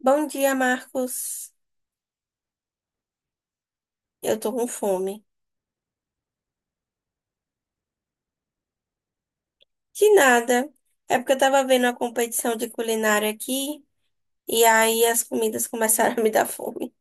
Bom dia, Marcos. Eu tô com fome. De nada. É porque eu tava vendo a competição de culinária aqui e aí as comidas começaram a me dar fome.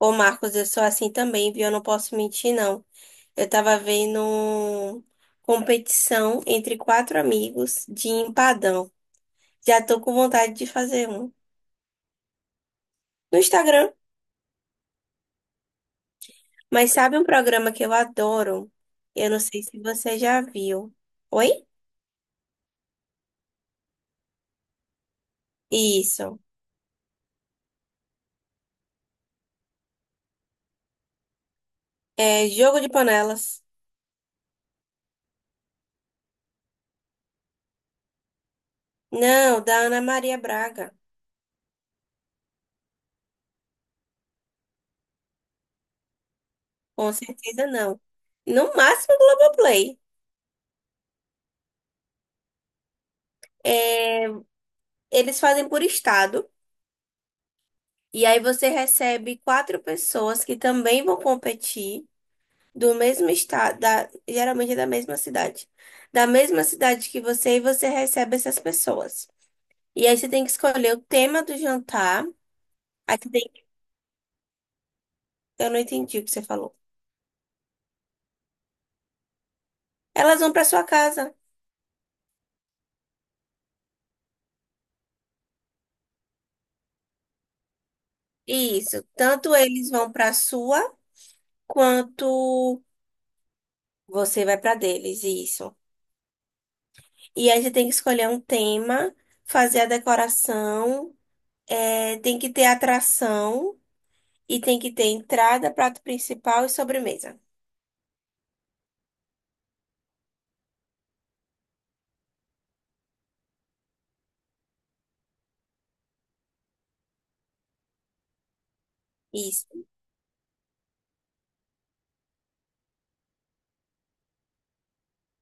Ô, Marcos, eu sou assim também, viu? Eu não posso mentir, não. Eu tava vendo competição entre quatro amigos de empadão. Já tô com vontade de fazer um no Instagram. Mas sabe um programa que eu adoro? Eu não sei se você já viu. Oi? Isso. É Jogo de Panelas. Não, da Ana Maria Braga. Com certeza não. No máximo Globoplay. É, eles fazem por estado. E aí você recebe quatro pessoas que também vão competir do mesmo estado, geralmente é da mesma cidade. Da mesma cidade que você, e você recebe essas pessoas. E aí você tem que escolher o tema do jantar. Aí você tem, eu não entendi o que você falou. Elas vão para sua casa. Isso. Tanto eles vão para sua, quanto. Você vai para deles, isso. E aí você tem que escolher um tema, fazer a decoração, é, tem que ter atração e tem que ter entrada, prato principal e sobremesa. Isso,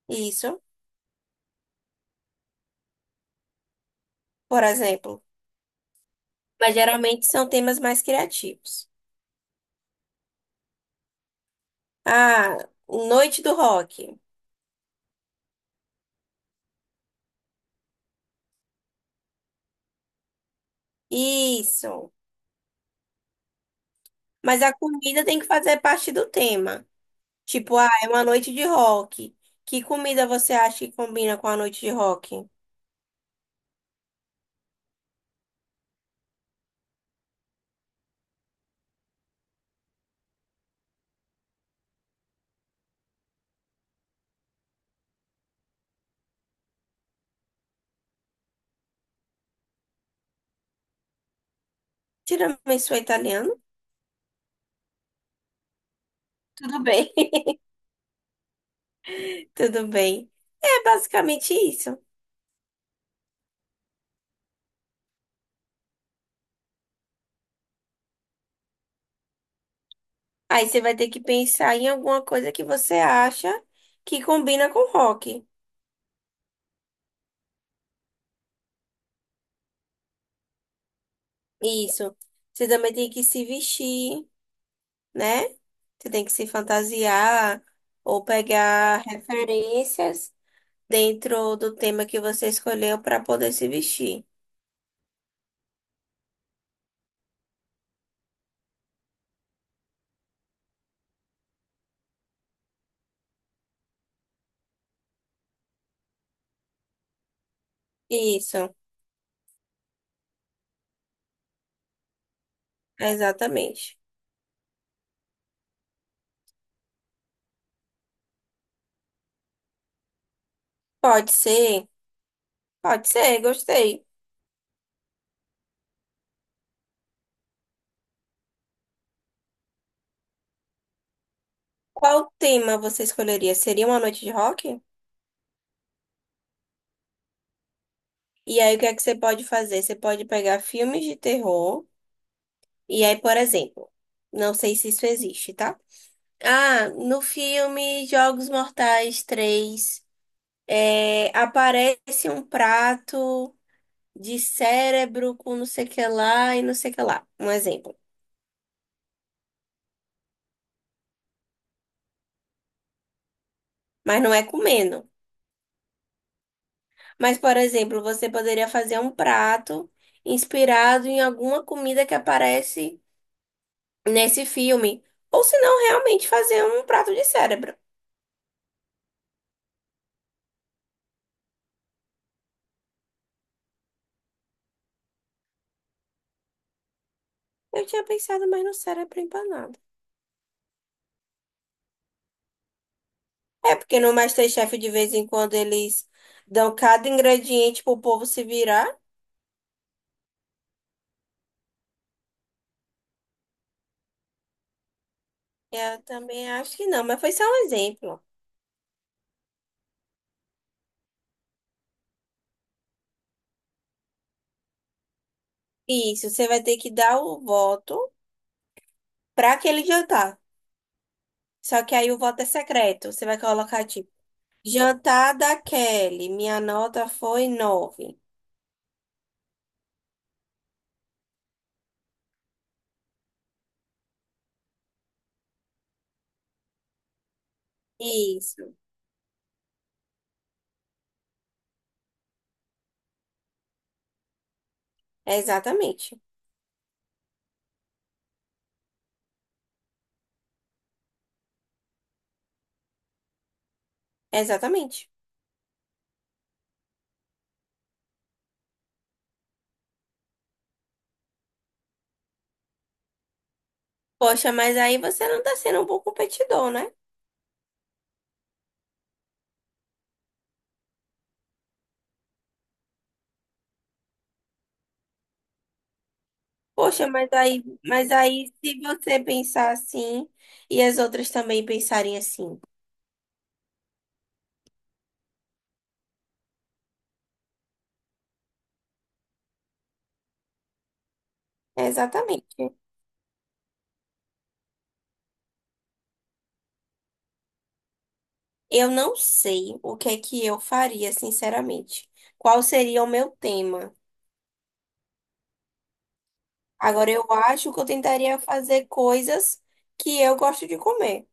isso, por exemplo. Mas geralmente são temas mais criativos. Ah, noite do rock. Isso. Mas a comida tem que fazer parte do tema. Tipo, ah, é uma noite de rock. Que comida você acha que combina com a noite de rock? Tiramisu é italiano? Tudo bem. Tudo bem. É basicamente isso. Aí você vai ter que pensar em alguma coisa que você acha que combina com rock. Isso. Você também tem que se vestir, né? Você tem que se fantasiar ou pegar referências dentro do tema que você escolheu para poder se vestir. Isso, exatamente. Pode ser, pode ser, gostei. Qual tema você escolheria? Seria uma noite de rock? E aí, o que é que você pode fazer? Você pode pegar filmes de terror. E aí, por exemplo, não sei se isso existe, tá? Ah, no filme Jogos Mortais 3 é, aparece um prato de cérebro com não sei o que lá e não sei o que lá. Um exemplo. Mas não é comendo. Mas, por exemplo, você poderia fazer um prato inspirado em alguma comida que aparece nesse filme. Ou se não, realmente fazer um prato de cérebro. Eu tinha pensado mais no cérebro empanado. É porque no MasterChef de vez em quando eles dão cada ingrediente pro povo se virar. Eu também acho que não, mas foi só um exemplo. Isso, você vai ter que dar o voto para aquele jantar. Só que aí o voto é secreto. Você vai colocar tipo, jantar da Kelly, minha nota foi 9. Isso, exatamente. Exatamente. Poxa, mas aí você não tá sendo um bom competidor, né? Poxa, mas aí se você pensar assim e as outras também pensarem assim. É exatamente. Eu não sei o que é que eu faria, sinceramente. Qual seria o meu tema? Agora, eu acho que eu tentaria fazer coisas que eu gosto de comer.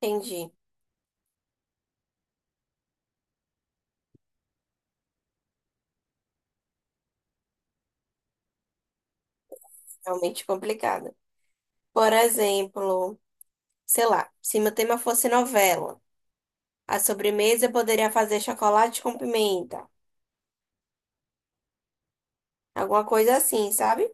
Entendi. Realmente complicado. Por exemplo, sei lá, se meu tema fosse novela, a sobremesa eu poderia fazer chocolate com pimenta. Alguma coisa assim, sabe?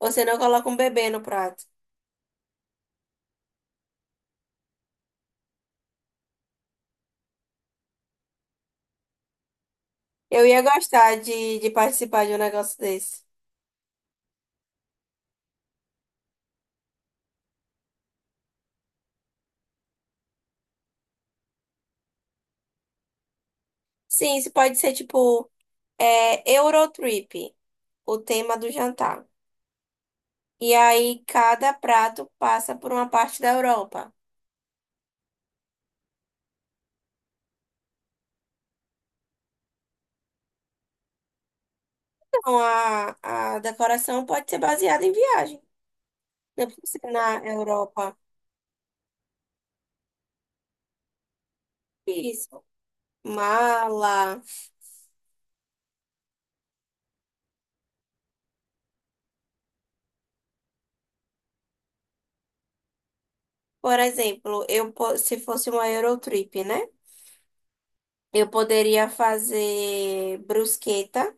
Você não coloca um bebê no prato. Eu ia gostar de participar de um negócio desse. Sim, isso pode ser tipo é, Eurotrip, o tema do jantar. E aí cada prato passa por uma parte da Europa. Então a decoração pode ser baseada em viagem. Não precisa ser na Europa. Isso. Mala. Por exemplo, se fosse uma Eurotrip, né? Eu poderia fazer brusqueta.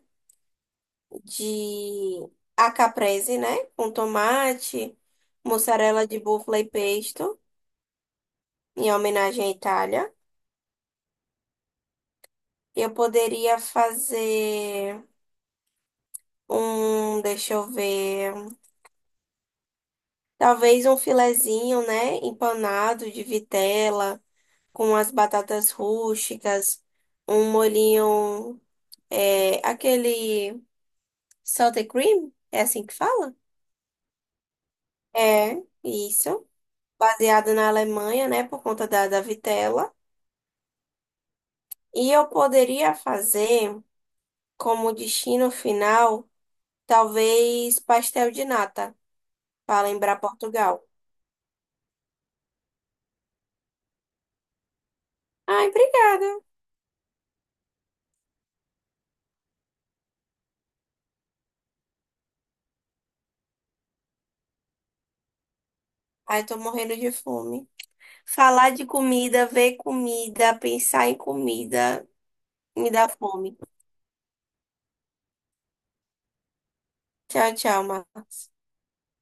De a caprese, né? Com tomate, mussarela de búfala e pesto, em homenagem à Itália. Eu poderia fazer um, deixa eu ver, talvez um filezinho, né? Empanado de vitela, com as batatas rústicas, um molhinho, é, aquele salted cream, é assim que fala? É, isso. Baseado na Alemanha, né? Por conta da vitela. E eu poderia fazer como destino final, talvez pastel de nata, para lembrar Portugal. Ai, obrigada. Ai, tô morrendo de fome. Falar de comida, ver comida, pensar em comida, me dá fome. Tchau, tchau, Marcos.